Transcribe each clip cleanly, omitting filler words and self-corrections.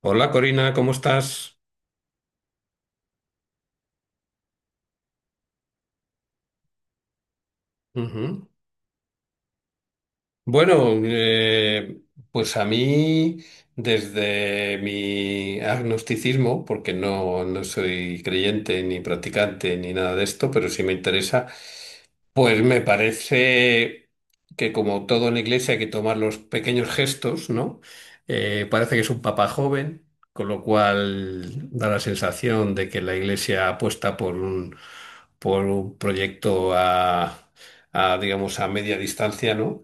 Hola Corina, ¿cómo estás? Ujú. Bueno, pues a mí, desde mi agnosticismo, porque no soy creyente ni practicante ni nada de esto, pero sí me interesa. Pues me parece que como todo en la iglesia hay que tomar los pequeños gestos, ¿no? Parece que es un papa joven, con lo cual da la sensación de que la iglesia apuesta por un proyecto a digamos, a media distancia, ¿no?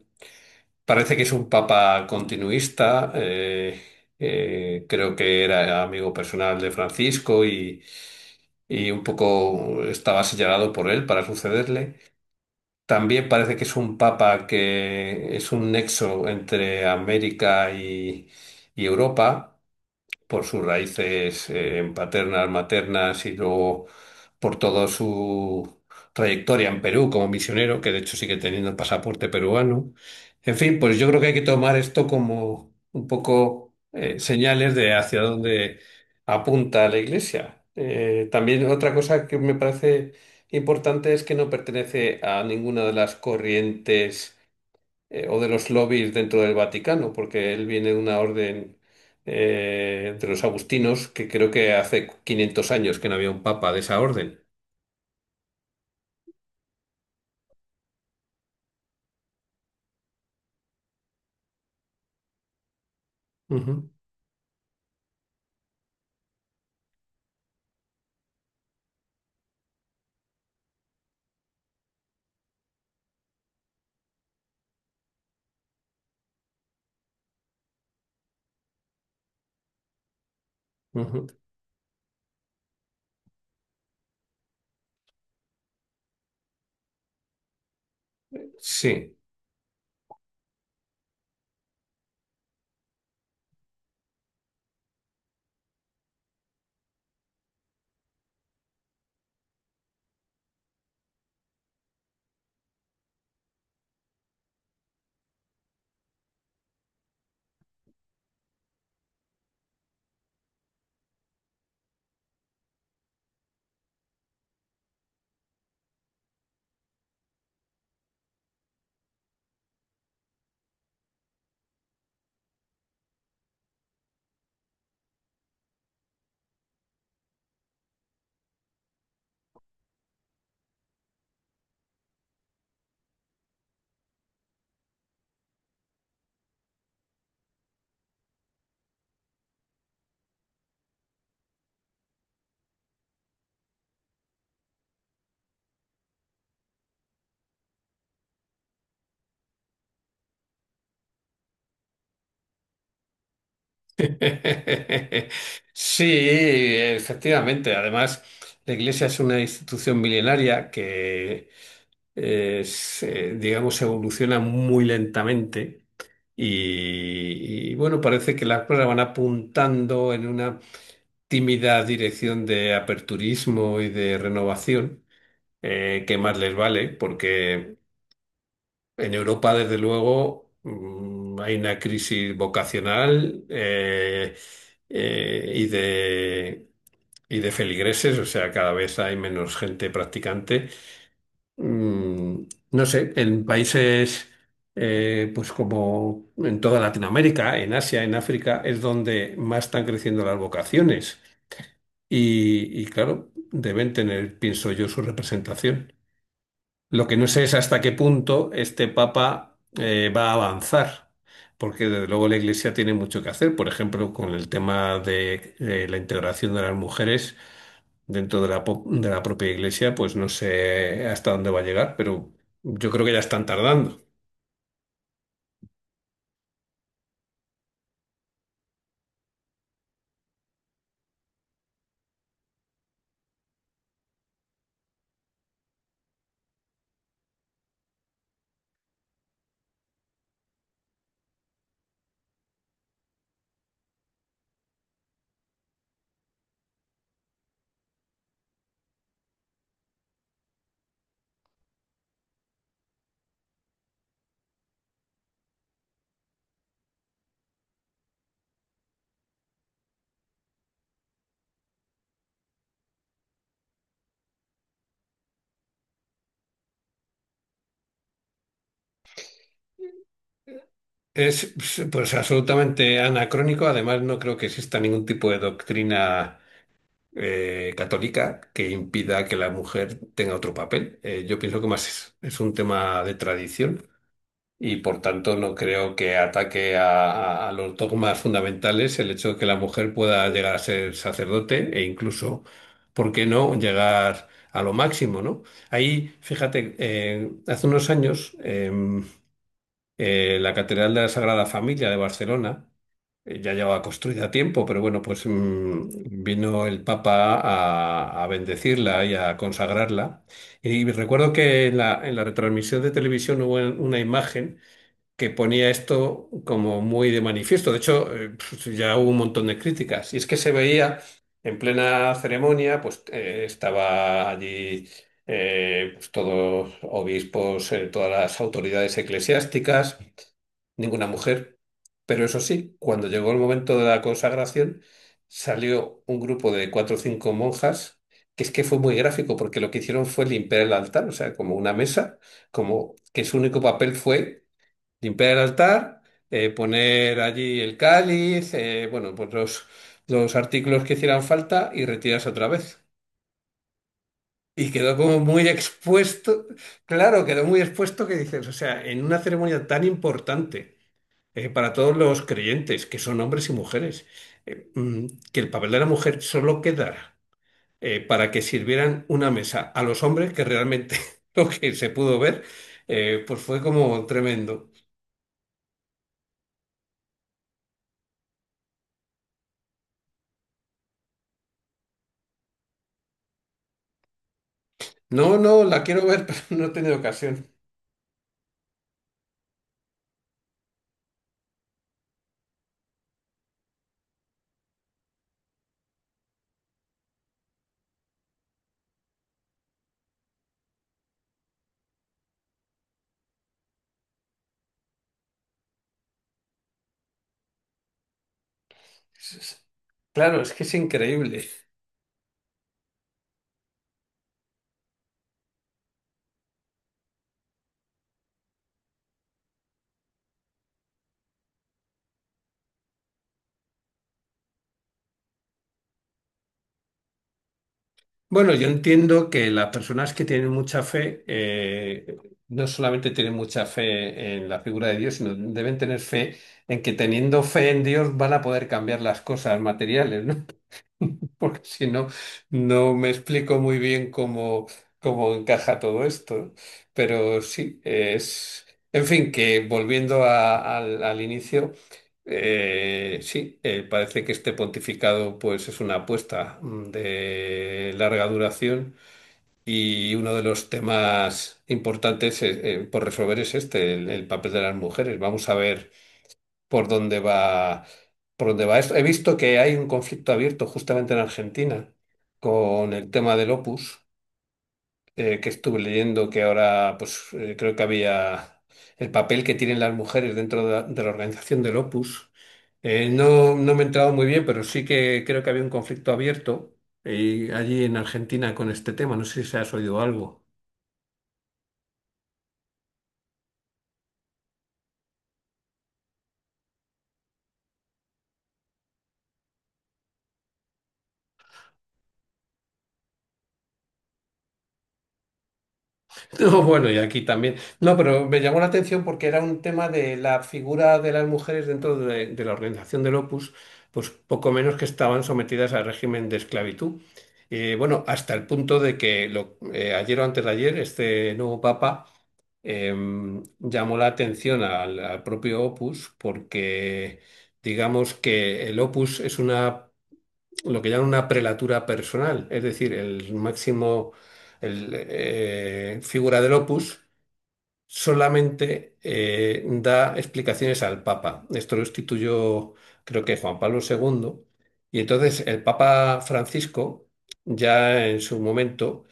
Parece que es un papa continuista, creo que era amigo personal de Francisco y un poco estaba señalado por él para sucederle. También parece que es un papa que es un nexo entre América y Europa por sus raíces paternas, maternas y luego por toda su trayectoria en Perú como misionero, que de hecho sigue teniendo el pasaporte peruano. En fin, pues yo creo que hay que tomar esto como un poco señales de hacia dónde apunta la Iglesia. También otra cosa que me parece importante es que no pertenece a ninguna de las corrientes o de los lobbies dentro del Vaticano, porque él viene de una orden de los agustinos, que creo que hace quinientos años que no había un papa de esa orden. Ujú, ujú. Sí. Sí, efectivamente. Además, la Iglesia es una institución milenaria que, digamos, evoluciona muy lentamente. Y, y bueno, parece que las cosas van apuntando en una tímida dirección de aperturismo y de renovación, que más les vale, porque en Europa, desde luego, hay una crisis vocacional eh, y de, y de feligreses, o sea, cada vez hay menos gente practicante. Mm, no sé, en países... pues como en toda Latinoamérica, en Asia, en África, es donde más están creciendo las vocaciones y claro, deben tener, pienso yo, su representación. Lo que no sé es hasta qué punto este Papa va a avanzar, porque desde luego la Iglesia tiene mucho que hacer, por ejemplo, con el tema de la integración de las mujeres dentro de de la propia Iglesia. Pues no sé hasta dónde va a llegar, pero yo creo que ya están tardando. Es pues absolutamente anacrónico. Además, no creo que exista ningún tipo de doctrina católica que impida que la mujer tenga otro papel. Yo pienso que es un tema de tradición, y por tanto no creo que ataque a los dogmas fundamentales el hecho de que la mujer pueda llegar a ser sacerdote e incluso, ¿por qué no?, llegar a lo máximo, ¿no? Ahí, fíjate, hace unos años... la Catedral de la Sagrada Familia de Barcelona ya llevaba construida tiempo, pero bueno, pues mm, vino el Papa a bendecirla y a consagrarla. Y recuerdo que en en la retransmisión de televisión hubo una imagen que ponía esto como muy de manifiesto. De hecho, pues ya hubo un montón de críticas. Y es que se veía en plena ceremonia, pues estaba allí pues todos obispos, todas las autoridades eclesiásticas, ninguna mujer. Pero eso sí, cuando llegó el momento de la consagración, salió un grupo de cuatro o cinco monjas, que es que fue muy gráfico, porque lo que hicieron fue limpiar el altar, o sea, como una mesa, como que su único papel fue limpiar el altar, poner allí el cáliz, bueno, pues los artículos que hicieran falta y retirarse otra vez. Y quedó como muy expuesto, claro, quedó muy expuesto, que dices, o sea, en una ceremonia tan importante para todos los creyentes, que son hombres y mujeres, mm, que el papel de la mujer solo quedara para que sirvieran una mesa a los hombres, que realmente lo que se pudo ver, pues fue como tremendo. No, no, la quiero ver, pero no he tenido ocasión. Es- es- Claro, es que es increíble. Bueno, yo entiendo que las personas que tienen mucha fe, no solamente tienen mucha fe en la figura de Dios, sino deben tener fe en que teniendo fe en Dios van a poder cambiar las cosas materiales, ¿no? Porque si no, no me explico muy bien cómo, cómo encaja todo esto. Pero sí, es... En fin, que volviendo al inicio, sí, parece que este pontificado pues es una apuesta mm, de larga duración, y uno de los temas importantes por resolver es este, el papel de las mujeres. Vamos a ver por dónde va, por dónde va esto. He visto que hay un conflicto abierto justamente en Argentina con el tema del Opus, que estuve leyendo que ahora, pues creo que había el papel que tienen las mujeres dentro de de la organización del Opus. No me he entrado muy bien, pero sí que creo que había un conflicto abierto allí en Argentina con este tema. No sé si has oído algo. No, bueno, y aquí también. No, pero me llamó la atención porque era un tema de la figura de las mujeres dentro de la organización del Opus, pues poco menos que estaban sometidas al régimen de esclavitud. Bueno, hasta el punto de que ayer o antes de ayer, este nuevo papa em, llamó la atención al propio Opus, porque digamos que el Opus es una, lo que llaman una prelatura personal, es decir, el máximo, el figura del opus, solamente da explicaciones al Papa. Esto lo instituyó, creo que, Juan Pablo II. Y entonces el Papa Francisco, ya en su momento,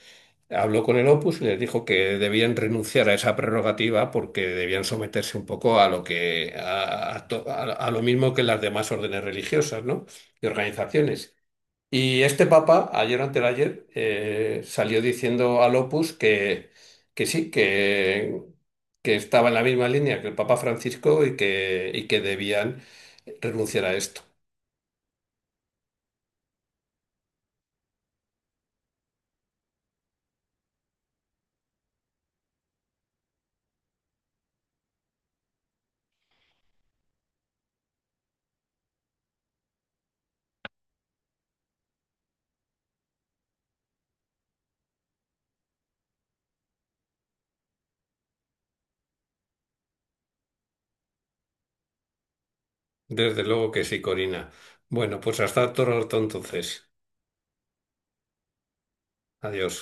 habló con el opus y les dijo que debían renunciar a esa prerrogativa, porque debían someterse un poco a lo que, a lo mismo que las demás órdenes religiosas, ¿no?, y organizaciones. Y este papa, ayer o anteayer, salió diciendo al Opus que sí, que estaba en la misma línea que el Papa Francisco y que debían renunciar a esto. Desde luego que sí, Corina. Bueno, pues hasta otro rato entonces. Adiós.